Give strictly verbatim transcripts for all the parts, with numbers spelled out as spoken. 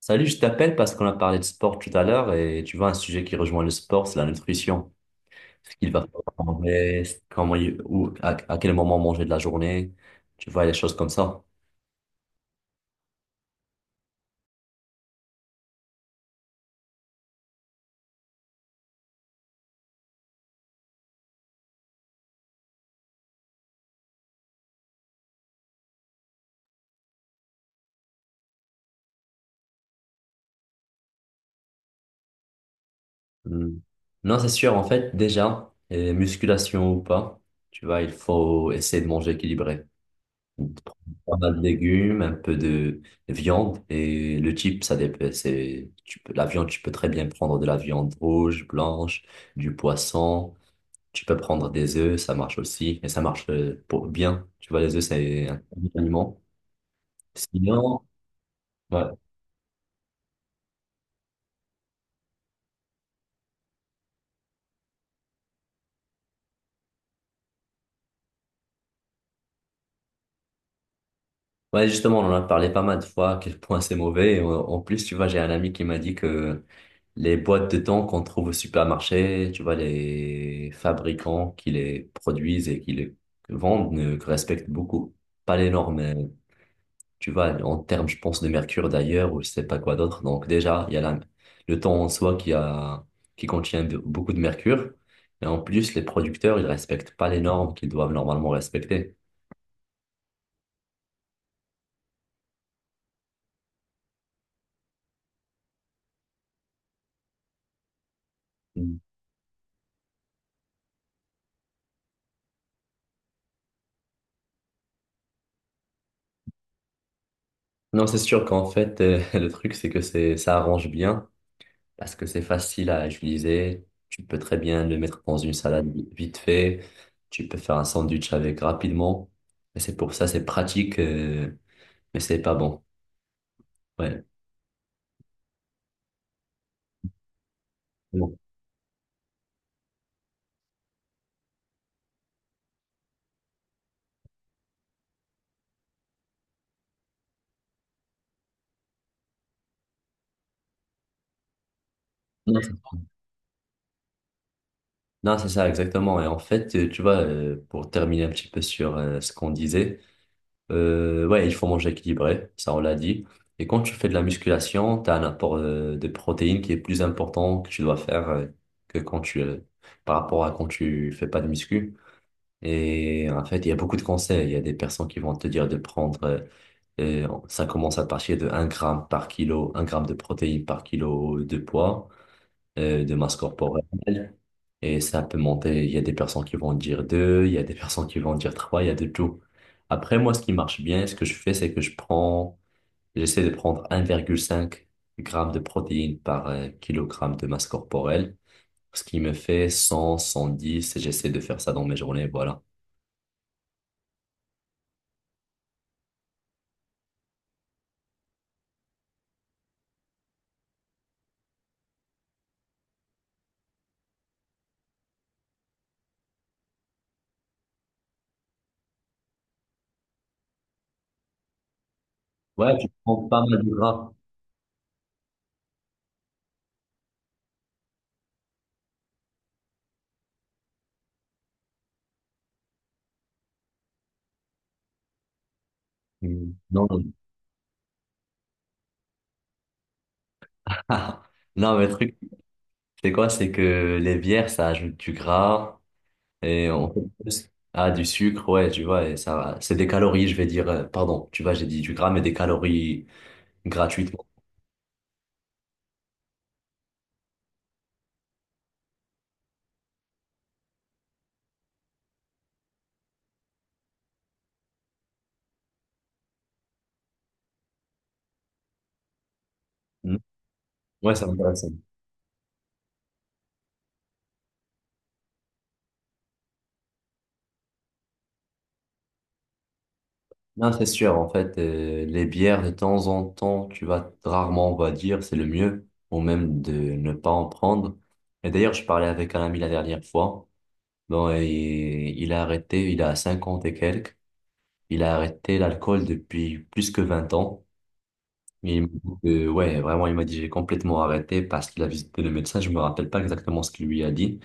Salut, je t'appelle parce qu'on a parlé de sport tout à l'heure et tu vois, un sujet qui rejoint le sport, c'est la nutrition. Ce qu'il va falloir manger, comment, il- ou à, à quel moment manger de la journée, tu vois, les choses comme ça. Hmm. Non, c'est sûr, en fait, déjà, et musculation ou pas, tu vois, il faut essayer de manger équilibré. Pas mal de légumes, un peu de viande et le type, ça dépend. C'est, tu peux, la viande, tu peux très bien prendre de la viande rouge, blanche, du poisson. Tu peux prendre des œufs, ça marche aussi, mais ça marche euh, pour bien. Tu vois, les œufs, c'est un bon aliment. Sinon, ouais. Ouais, justement, on en a parlé pas mal de fois, à quel point c'est mauvais. Et En en plus, tu vois, j'ai un ami qui m'a dit que les boîtes de thon qu'on trouve au supermarché, tu vois, les fabricants qui les produisent et qui les vendent ne respectent beaucoup pas les normes euh, tu vois, en termes, je pense, de mercure d'ailleurs, ou je sais pas quoi d'autre. Donc déjà, il y a la- le temps en soi qui a, qui contient be- beaucoup de mercure. Et en plus, les producteurs, ils respectent pas les normes qu'ils doivent normalement respecter. Mm. Non, c'est sûr qu'en fait, euh, le truc, c'est que c'est, ça arrange bien, parce que c'est facile à utiliser. Tu peux très bien le mettre dans une salade vite fait. Tu peux faire un sandwich avec rapidement. Et c'est pour ça, c'est pratique, euh, mais c'est pas bon. Ouais. Non, Non, c'est ça, exactement. Et en fait, euh, tu vois, euh, pour terminer un petit peu sur euh, ce qu'on disait, euh, ouais, il faut manger équilibré, ça on l'a dit. Et quand tu fais de la musculation, tu as un apport euh, de protéines qui est plus important que tu dois faire euh, que quand tu, euh, par rapport à quand tu fais pas de muscu. Et en fait, il y a beaucoup de conseils. Il y a des personnes qui vont te dire de prendre, euh, euh, ça commence à partir de un gramme par kilo, un gramme de protéines par kilo de poids, euh, de masse corporelle. Et ça peut monter, il y a des personnes qui vont dire deux, il y a des personnes qui vont dire trois, il y a de tout. Après, moi, ce qui marche bien, ce que je fais, c'est que je prends, j'essaie de prendre un virgule cinq grammes de protéines par euh, kilogramme de masse corporelle, ce qui me fait cent, cent dix, et j'essaie de faire ça dans mes journées, voilà. Ouais, je prends pas mal de gras. Mm. Non, non. Non, mais le truc, c'est quoi? C'est que les bières, ça ajoute du gras. Et on fait plus ah, du sucre, ouais, tu vois, et ça, c'est des calories, je vais dire, euh, pardon, tu vois, j'ai dit du gras, mais des calories gratuitement. Mm. Ouais, ça m'intéresse. Non, c'est sûr. En fait, euh, les bières, de temps en temps, tu vas rarement, on va dire, c'est le mieux, ou même de ne pas en prendre. Et d'ailleurs, je parlais avec un ami la dernière fois. Bon, et il a arrêté, il a cinquante et quelques. Il a arrêté l'alcool depuis plus que vingt ans. Et il m'a dit que, ouais, vraiment, il m'a dit, j'ai complètement arrêté parce qu'il a visité le médecin. Je me rappelle pas exactement ce qu'il lui a dit.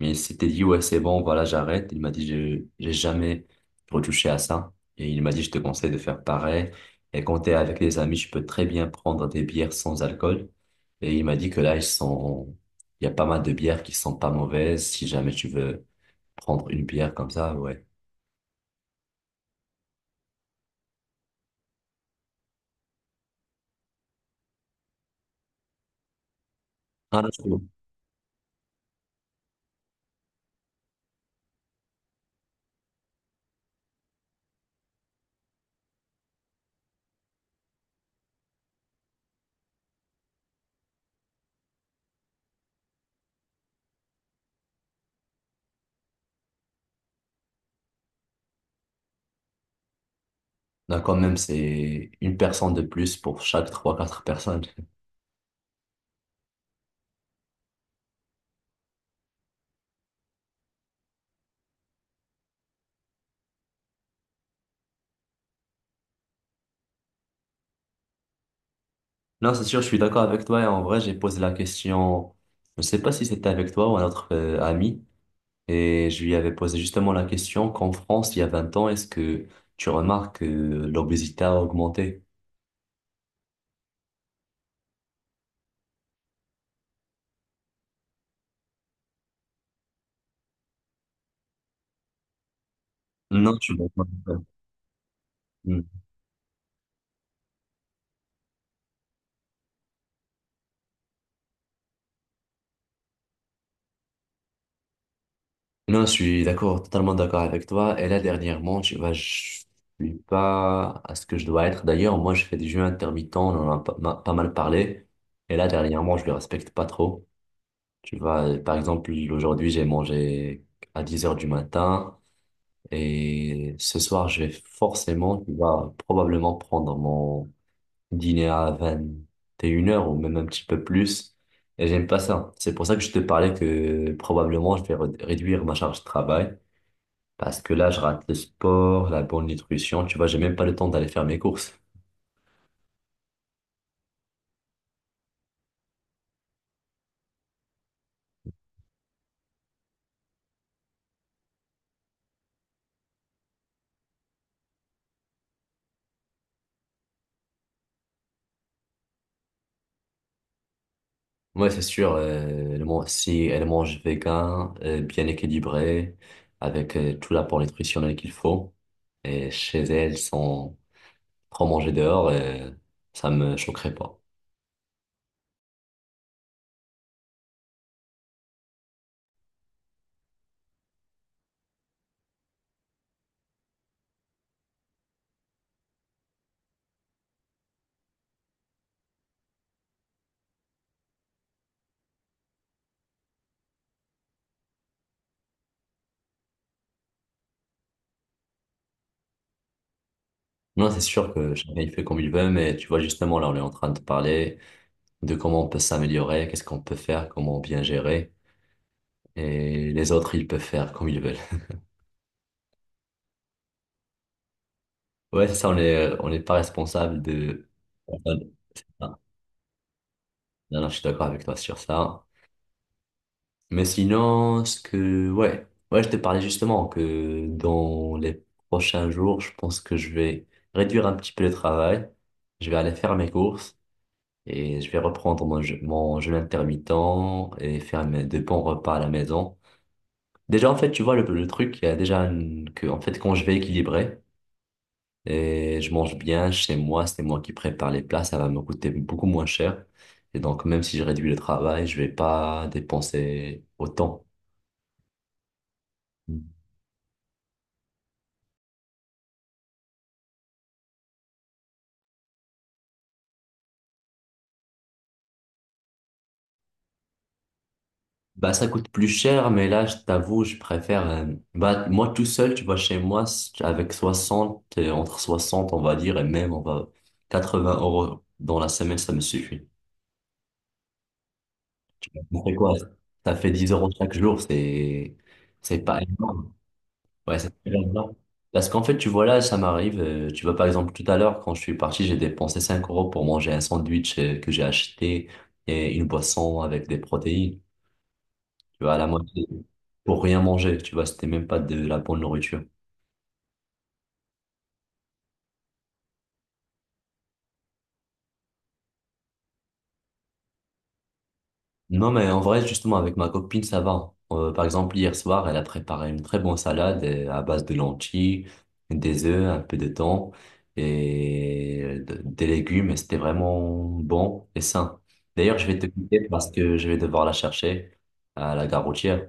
Mais il s'était dit, ouais, c'est bon, voilà, j'arrête. Il m'a dit, je, j'ai jamais retouché à ça. Et il m'a dit, je te conseille de faire pareil. Et quand t'es avec les amis, tu peux très bien prendre des bières sans alcool. Et il m'a dit que là, ils sont, il y a pas mal de bières qui sont pas mauvaises. Si jamais tu veux prendre une bière comme ça, ouais. Ah, non, je trouve. Là, quand même, c'est une personne de plus pour chaque trois, quatre personnes. Non, c'est sûr, je suis d'accord avec toi. Et en vrai, j'ai posé la question, je ne sais pas si c'était avec toi ou un autre euh, ami. Et je lui avais posé justement la question qu'en France, il y a vingt ans, est-ce que tu remarques que l'obésité a augmenté? Non, je suis d'accord avec. Mm. Non, je suis d'accord, totalement d'accord avec toi. Et là, dernièrement, tu vois, je suis pas à ce que je dois être. D'ailleurs, moi, je fais des jeûnes intermittents, on en a pas, ma- pas mal parlé. Et là, dernièrement, je le respecte pas trop. Tu vois, par exemple, aujourd'hui, j'ai mangé à dix heures du matin. Et ce soir, je vais forcément, tu vois, probablement prendre mon dîner à vingt et une heures ou même un petit peu plus. Et j'aime pas ça. C'est pour ça que je te parlais que probablement je vais re- réduire ma charge de travail parce que là, je rate le sport, la bonne nutrition. Tu vois, j'ai même pas le temps d'aller faire mes courses. Ouais, c'est sûr. Euh, le man- si elle mange vegan, euh, bien équilibré, avec euh, tout l'apport nutritionnel qu'il faut, et chez elle sans trop manger dehors, euh, ça me choquerait pas. Non, c'est sûr que chacun il fait comme il veut, mais tu vois, justement, là, on est en train de parler de comment on peut s'améliorer, qu'est-ce qu'on peut faire, comment bien gérer. Et les autres, ils peuvent faire comme ils veulent. Ouais, c'est ça, on est, on n'est pas responsable de... enfin, non, non, je suis d'accord avec toi sur ça. Mais sinon, ce que... Ouais, ouais, je te parlais justement que dans les prochains jours, je pense que je vais réduire un petit peu le travail. Je vais aller faire mes courses et je vais reprendre mon, je- mon jeûne intermittent et faire mes deux bons repas à la maison. Déjà, en fait, tu vois, le, le truc, il y a déjà une- que, en fait, quand je vais équilibrer et je mange bien chez moi, c'est moi qui prépare les plats, ça va me coûter beaucoup moins cher. Et donc, même si je réduis le travail, je vais pas dépenser autant. Mm. Bah, ça coûte plus cher, mais là, je t'avoue, je préfère, euh, bah, moi tout seul, tu vois, chez moi, s- avec soixante, euh, entre soixante, on va dire, et même, on va, quatre-vingts euros dans la semaine, ça me suffit. Tu vois, Ça fait quoi? Ça fait dix euros chaque jour, c'est, c'est pas énorme. Ouais, ça fait longtemps. Parce qu'en fait, tu vois, là, ça m'arrive. euh, tu vois, par exemple, tout à l'heure, quand je suis parti, j'ai dépensé cinq euros pour manger un sandwich euh, que j'ai acheté et une boisson avec des protéines. Tu vois, à la moitié. Pour rien manger. Tu vois, c'était même pas de la bonne nourriture. Non, mais en vrai, justement, avec ma copine, ça va. Euh, par exemple, hier soir, elle a préparé une très bonne salade euh, à base de lentilles, des œufs, un peu de thon et de- des légumes. Et c'était vraiment bon et sain. D'ailleurs, je vais te quitter parce que je vais devoir la chercher à la gare routière.